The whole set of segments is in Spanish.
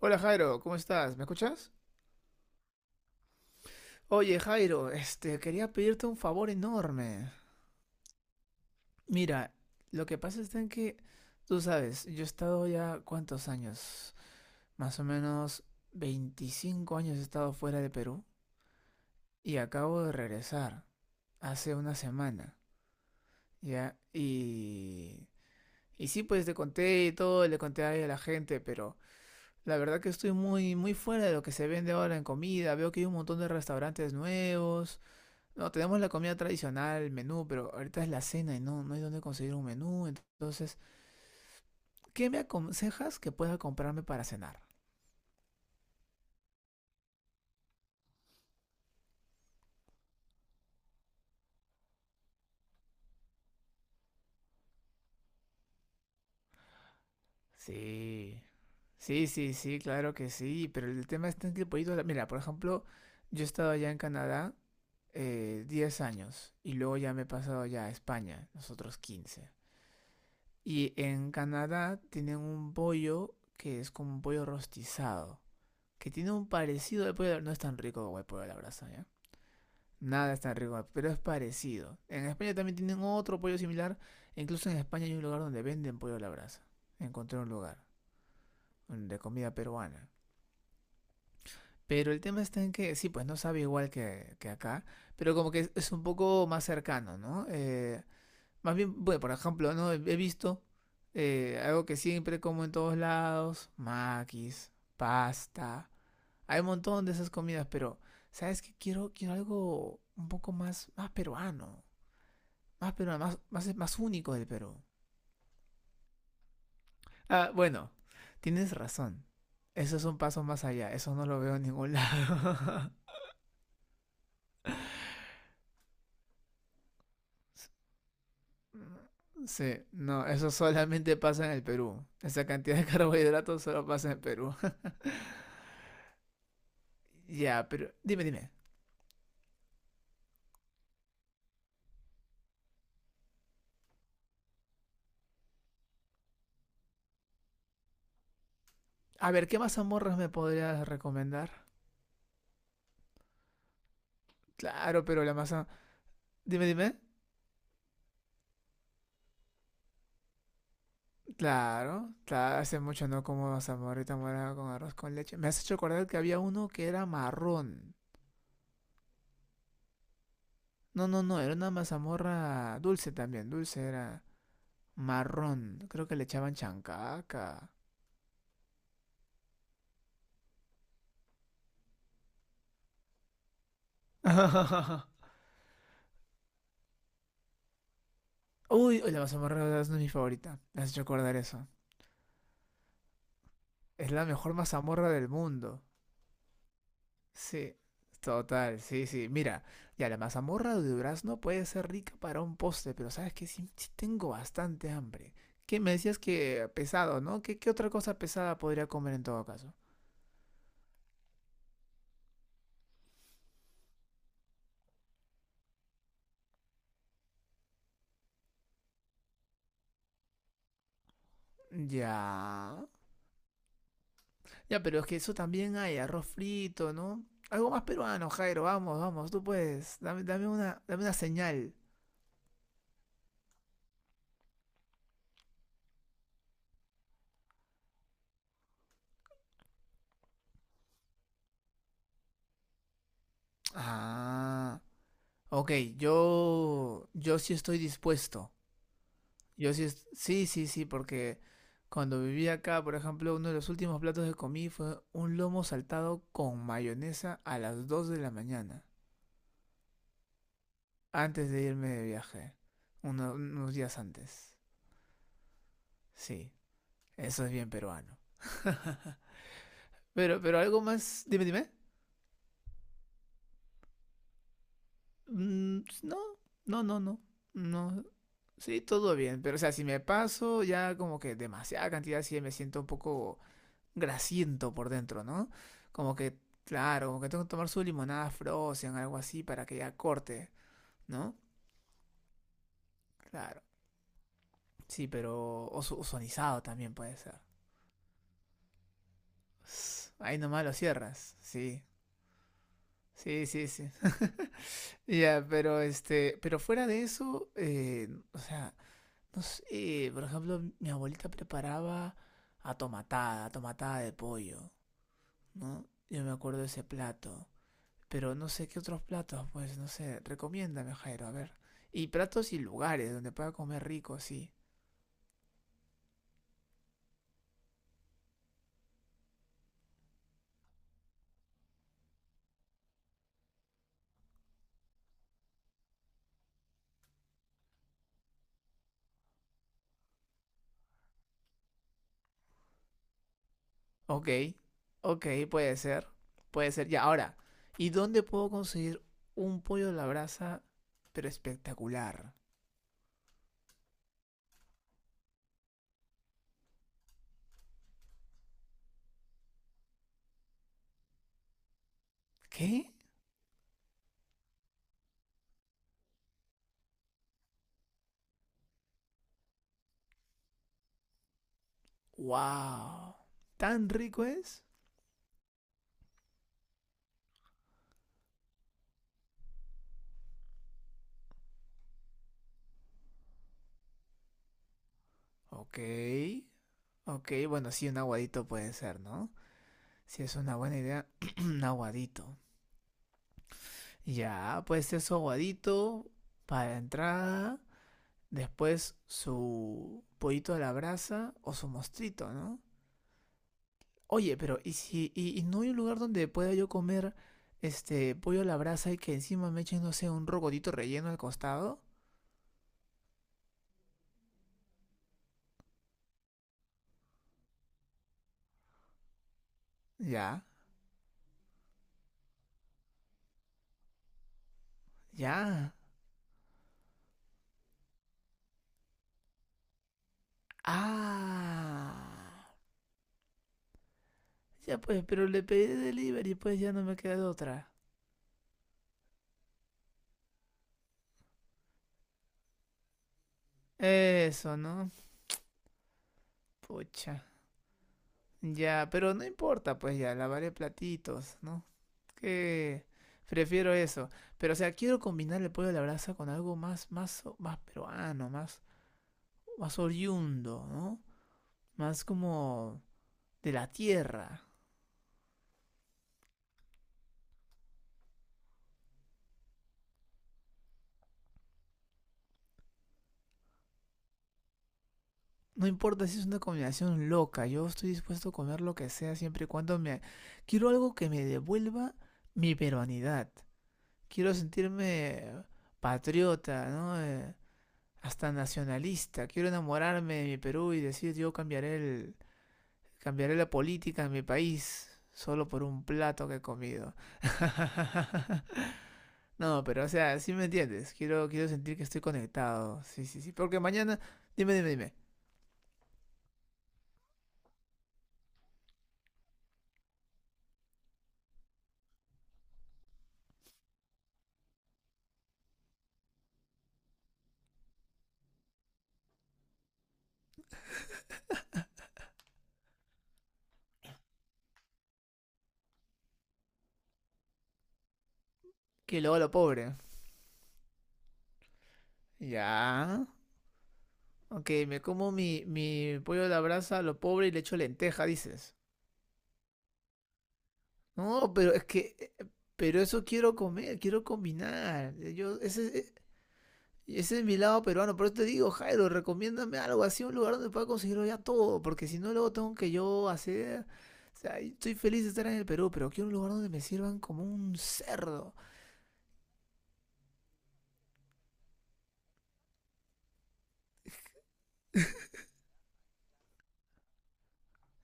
Hola Jairo, ¿cómo estás? ¿Me escuchas? Oye Jairo, quería pedirte un favor enorme. Mira, lo que pasa es en que, tú sabes, yo he estado ya cuántos años, más o menos 25 años he estado fuera de Perú y acabo de regresar hace una semana, ¿ya? Y sí, pues te conté y todo, le conté ahí a la gente, pero la verdad que estoy muy, muy fuera de lo que se vende ahora en comida. Veo que hay un montón de restaurantes nuevos. No, tenemos la comida tradicional, el menú, pero ahorita es la cena y no, no hay dónde conseguir un menú. Entonces, ¿qué me aconsejas que pueda comprarme para cenar? Sí, sí, sí, sí, claro que sí, pero el tema está en que el pollito. Mira, por ejemplo, yo he estado allá en Canadá 10 años y luego ya me he pasado ya a España, nosotros 15. Y en Canadá tienen un pollo que es como un pollo rostizado, que tiene un parecido al pollo. No es tan rico como el pollo a la brasa, ¿ya? Nada es tan rico, pero es parecido. En España también tienen otro pollo similar e incluso en España hay un lugar donde venden pollo a la brasa. Encontré un lugar de comida peruana. Pero el tema está en que, sí, pues no sabe igual que, acá, pero como que es un poco más cercano, ¿no? Más bien, bueno, por ejemplo, ¿no? He visto algo que siempre como en todos lados, maquis, pasta. Hay un montón de esas comidas, pero, ¿sabes qué? Quiero algo un poco más, más peruano. Más peruano, más, más, más único del Perú. Ah, bueno, tienes razón. Eso es un paso más allá, eso no lo veo en ningún lado. Sí, no, eso solamente pasa en el Perú. Esa cantidad de carbohidratos solo pasa en el Perú. Ya, pero dime, dime. A ver, ¿qué mazamorras me podrías recomendar? Claro, pero la masa. Dime, dime. Claro, claro, hace mucho no como mazamorrita morada con arroz con leche. Me has hecho acordar que había uno que era marrón. No, no, no, era una mazamorra dulce también, dulce era marrón, creo que le echaban chancaca. Uy, uy, la mazamorra de durazno es mi favorita, me has hecho acordar eso. Es la mejor mazamorra del mundo. Sí, total, sí, sí. Mira, ya la mazamorra de durazno puede ser rica para un postre, pero sabes que sí, sí tengo bastante hambre. ¿Qué me decías que pesado, no? ¿Qué otra cosa pesada podría comer en todo caso? Ya. Ya, pero es que eso también hay, arroz frito, ¿no? Algo más peruano, Jairo, vamos, vamos, tú puedes. Dame, dame una señal. Ah, ok, yo sí estoy dispuesto. Yo sí, sí, sí, sí, porque cuando viví acá, por ejemplo, uno de los últimos platos que comí fue un lomo saltado con mayonesa a las 2 de la mañana, antes de irme de viaje, unos días antes. Sí, eso es bien peruano. Pero algo más, dime, dime. Mm, pues, no, no, no, no, no. Sí, todo bien, pero o sea, si me paso ya como que demasiada cantidad, sí me siento un poco grasiento por dentro, ¿no? Como que, claro, como que tengo que tomar su limonada Frozen, algo así, para que ya corte, ¿no? Claro, sí, pero o sonizado también puede ser. Sss, ahí nomás lo cierras, sí, sí, sí, sí. Ya, pero pero fuera de eso, o sea, no sé, por ejemplo, mi abuelita preparaba atomatada, atomatada de pollo, ¿no? Yo me acuerdo de ese plato. Pero no sé qué otros platos, pues no sé, recomiéndame, Jairo, a ver. Y platos y lugares donde pueda comer rico, sí. Ok, ok, puede ser, puede ser. Ya, ahora, ¿y dónde puedo conseguir un pollo a la brasa, pero espectacular? ¿Qué? ¡Wow! ¿Tan rico es? Ok, ok, bueno, sí, un aguadito puede ser, ¿no? Si es una buena idea, un aguadito. Ya, pues eso aguadito para la entrada, después su pollito a la brasa o su mostrito, ¿no? Oye, pero ¿y si no hay un lugar donde pueda yo comer este pollo a la brasa y que encima me echen, no sé, un rocotito relleno al costado? Ya, ya. Ah. Ya pues, pero le pedí de delivery, pues ya no me queda de otra. Eso, ¿no? Pucha. Ya, pero no importa, pues ya, lavaré platitos, ¿no? Que prefiero eso. Pero, o sea, quiero combinar el pollo a la brasa con algo más, más, más peruano, más, más oriundo, ¿no? Más como de la tierra. No importa si es una combinación loca, yo estoy dispuesto a comer lo que sea siempre y cuando me. Quiero algo que me devuelva mi peruanidad. Quiero sentirme patriota, ¿no? Hasta nacionalista. Quiero enamorarme de mi Perú y decir yo cambiaré la política en mi país solo por un plato que he comido. No, pero o sea, sí me entiendes. Quiero sentir que estoy conectado. Sí, sí, sí. Porque mañana, dime, dime, dime. Que luego lo pobre. Ya. Ok, me como mi pollo a la brasa, lo pobre y le echo lenteja, dices. No, pero es que pero eso quiero comer, quiero combinar. Y ese es mi lado peruano, por eso te digo, Jairo, recomiéndame algo así, un lugar donde pueda conseguirlo ya todo, porque si no luego tengo que yo hacer. O sea, estoy feliz de estar en el Perú, pero quiero un lugar donde me sirvan como un cerdo.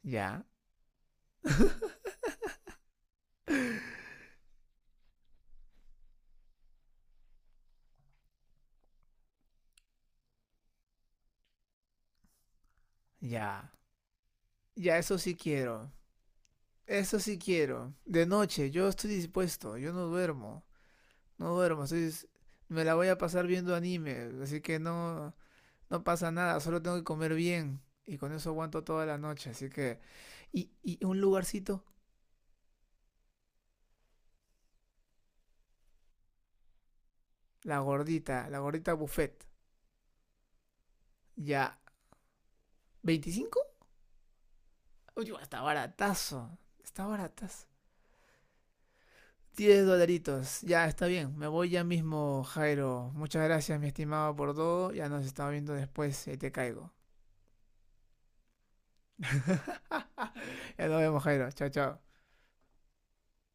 Ya, ya, ya, eso sí quiero. Eso sí quiero. De noche, yo estoy dispuesto, yo no duermo. No duermo, estoy me la voy a pasar viendo anime, así que no, no pasa nada, solo tengo que comer bien. Y con eso aguanto toda la noche, así que. Y un lugarcito la gordita buffet. Ya, 25, uy, está baratazo. Está baratazo, 10 dolaritos. Ya, está bien. Me voy ya mismo, Jairo. Muchas gracias, mi estimado, por todo. Ya nos estamos viendo después. Ahí te caigo. Ya nos vemos, Jairo. Chao, chao.